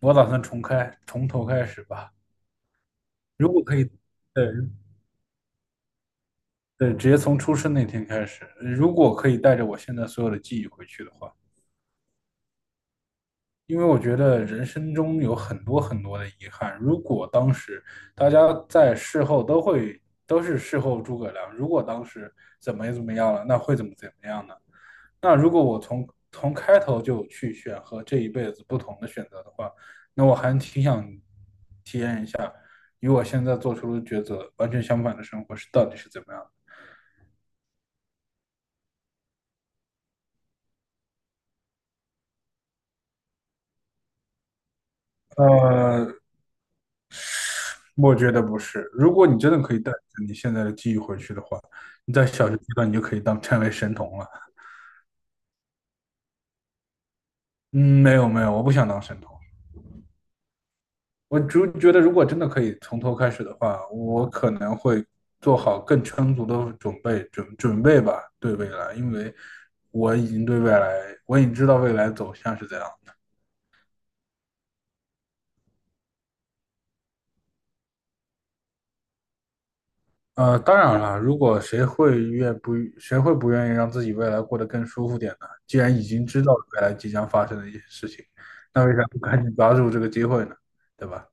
我打算重开，从头开始吧。如果可以，对，对，直接从出生那天开始。如果可以带着我现在所有的记忆回去的话，因为我觉得人生中有很多很多的遗憾。如果当时大家在事后都会都是事后诸葛亮，如果当时怎么怎么样了，那会怎么怎么样呢？那如果我从开头就去选和这一辈子不同的选择的话，那我还挺想与我现在做出的抉择完全相反的生活是到底是怎么样的？我觉得不是。如果你真的可以带着你现在的记忆回去的话，你在小学阶段你就可以当成为神童了。嗯，没有没有，我不想当神童。我只觉得如果真的可以从头开始的话，我可能会做好更充足的准备，准备吧，对未来，因为我已经对未来，我已经知道未来走向是怎样。当然了，如果谁会不愿意让自己未来过得更舒服点呢？既然已经知道未来即将发生的一些事情，那为啥不赶紧抓住这个机会呢？对吧？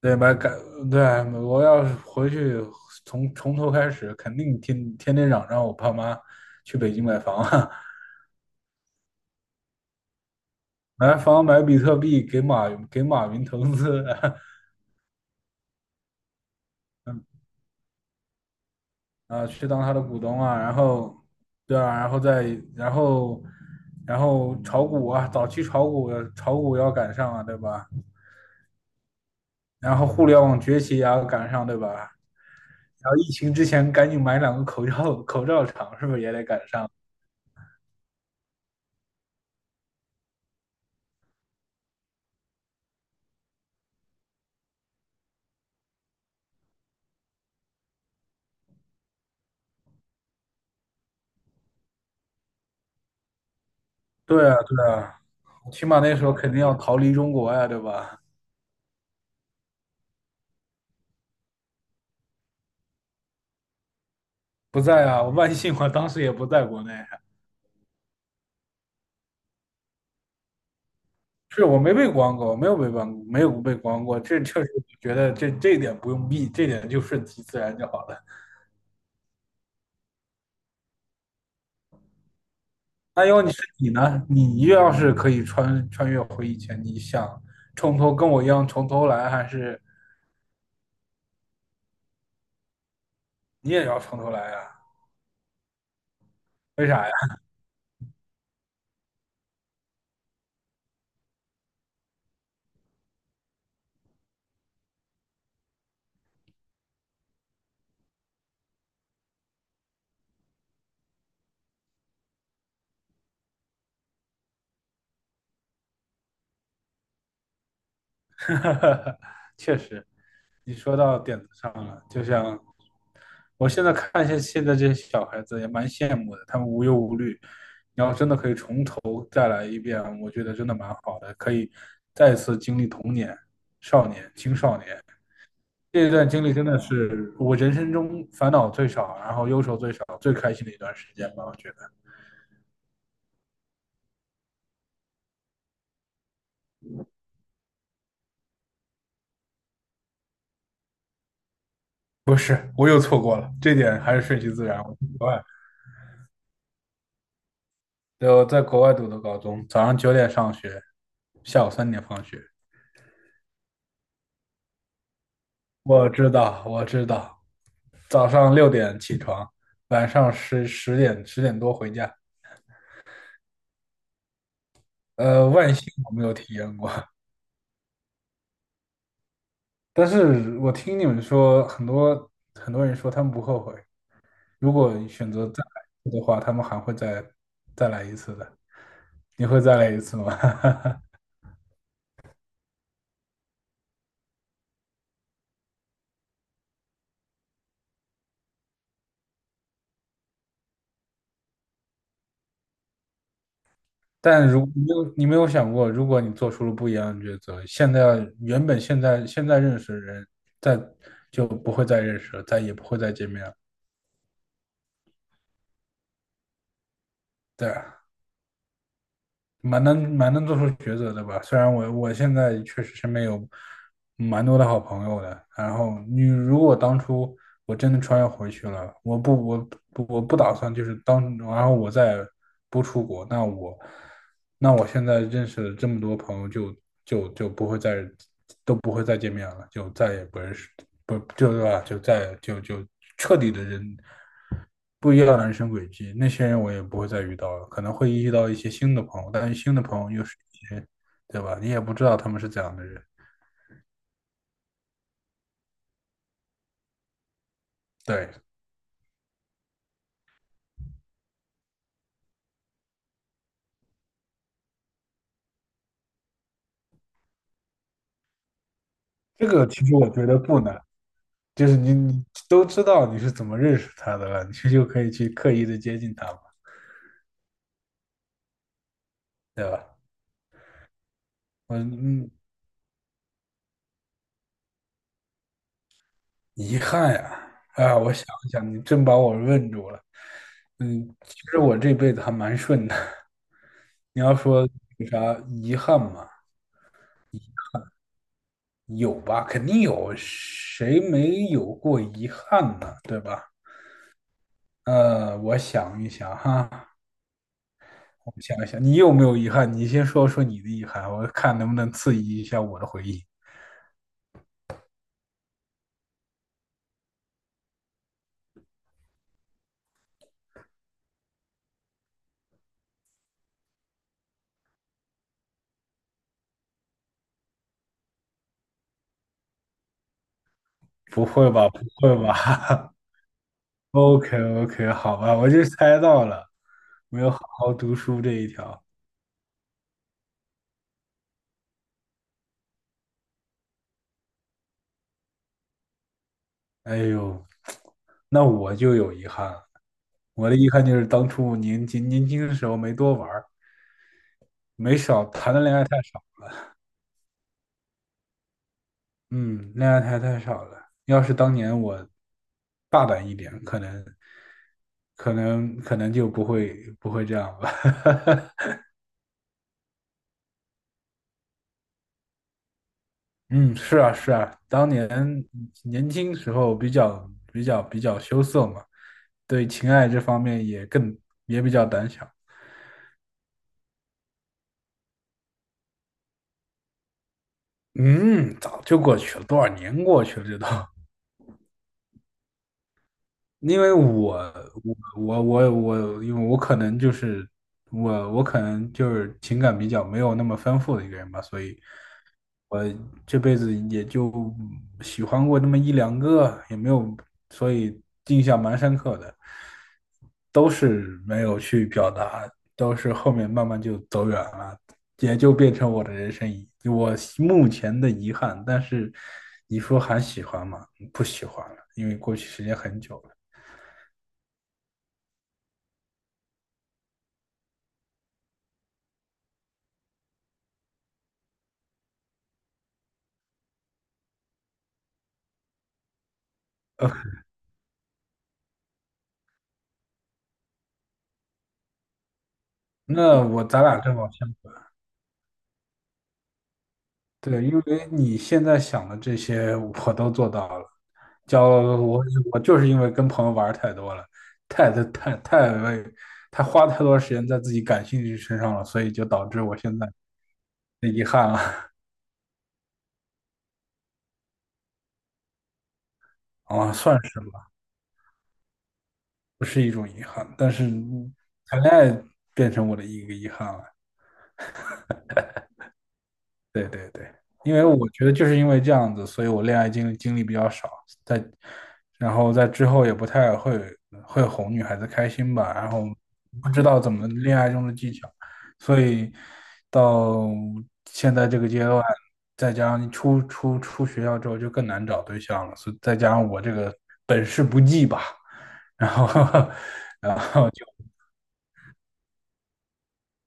对吧？对，我要是回去从头开始，肯定天天嚷嚷我爸妈去北京买房啊，买房买比特币，给马云投资，啊，去当他的股东啊，然后，对啊，然后再然后，然后炒股啊，早期炒股要赶上啊，对吧？然后互联网崛起也要赶上，对吧？然后疫情之前赶紧买两个口罩，口罩厂是不是也得赶上？对啊，对啊，起码那时候肯定要逃离中国呀，对吧？不在啊，万幸我当时也不在国内，是我没被关过，没有被关过，这确实觉得这一点不用避，这点就顺其自然就好了。那要你是你呢？你要是可以穿越回以前，你想从头跟我一样从头来，还是你也要从头来啊？为啥呀？确实，你说到点子上了。就像我现在看一些现在这些小孩子，也蛮羡慕的，他们无忧无虑。你要真的可以从头再来一遍，我觉得真的蛮好的，可以再次经历童年、少年、青少年。这一段经历真的是我人生中烦恼最少，然后忧愁最少、最开心的一段时间吧。我觉得我又错过了，这点还是顺其自然。我在国外，对，我在国外读的高中，早上9点上学，下午3点放学。我知道，我知道，早上6点起床，晚上十点多回家。万幸我没有体验过，但是我听你们说，很多很多人说他们不后悔，如果选择再来一次的话，他们还会再来一次的。你会再来一次吗？但如你没有想过，如果你做出了不一样的抉择，原本现在认识的人，再就不会再认识了，再也不会再见面了。对啊。蛮能做出抉择的吧。虽然我现在确实身边有蛮多的好朋友的，然后你如果当初我真的穿越回去了，我不打算就是当然后我不出国，那我现在认识的这么多朋友就不会都不会再见面了，就再也不认识不就对吧？就再就就彻底的不一样的人生轨迹，那些人我也不会再遇到了，可能会遇到一些新的朋友，但是新的朋友又是一些，对吧？你也不知道他们是怎样的人。对，这个其实我觉得不难，就是你都知道你是怎么认识他的了，你就可以去刻意的接近他嘛，对吧？嗯嗯，遗憾呀，啊，我想一想，你真把我问住了。嗯，其实我这辈子还蛮顺的。你要说有啥遗憾吗？有吧，肯定有，谁没有过遗憾呢？对吧？我想一想哈，我想一想，你有没有遗憾？你先说说你的遗憾，我看能不能刺激一下我的回忆。不会吧，不会吧 ？OK OK，好吧，我就猜到了，没有好好读书这一条。哎呦，那我就有遗憾了。我的遗憾就是当初年轻的时候没多玩儿，没少谈的恋爱太少。嗯，恋爱还太少了。要是当年我大胆一点，可能就不会这样吧。嗯，是啊，是啊，当年年轻时候比较羞涩嘛，对情爱这方面也也比较胆小。嗯，早就过去了，多少年过去了，这都。因为我我我我，因为我可能就是我可能就是情感比较没有那么丰富的一个人吧，所以。我这辈子也就喜欢过那么一两个，也没有，所以印象蛮深刻的，都是没有去表达，都是后面慢慢就走远了，也就变成我目前的遗憾。但是你说还喜欢吗？不喜欢了，因为过去时间很久了。那嗯我咱俩正好相。对，因为你现在想的这些我都做到了，交我我就是因为跟朋友玩儿太多了，太太太太为太花太多时间在自己感兴趣身上了，所以就导致我现在的遗憾了 啊，算是吧，不是一种遗憾，但是谈恋爱变成我的一个遗憾了。对对对，因为我觉得就是因为这样子，所以我恋爱经历比较少，在然后在之后也不太会哄女孩子开心吧，然后不知道怎么恋爱中的技巧，所以到现在这个阶段，再加上出学校之后就更难找对象了，所以再加上我这个本事不济吧，然后 然后就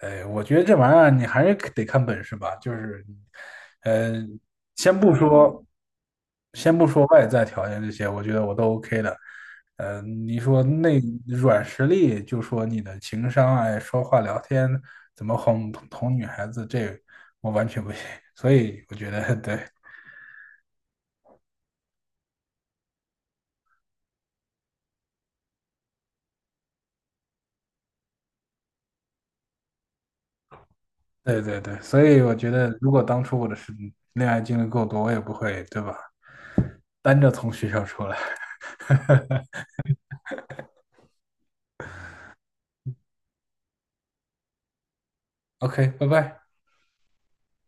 哎，我觉得这玩意儿你还是得看本事吧。就是，呃，先不说，先不说外在条件这些，我觉得我都 OK 的。你说内软实力，就说你的情商啊，说话聊天，怎么哄哄女孩子，这我完全不行。所以我觉得，对对对对，所以我觉得，如果当初我的是恋爱经历够多，我也不会，对吧？单着从学校出来。OK,拜拜。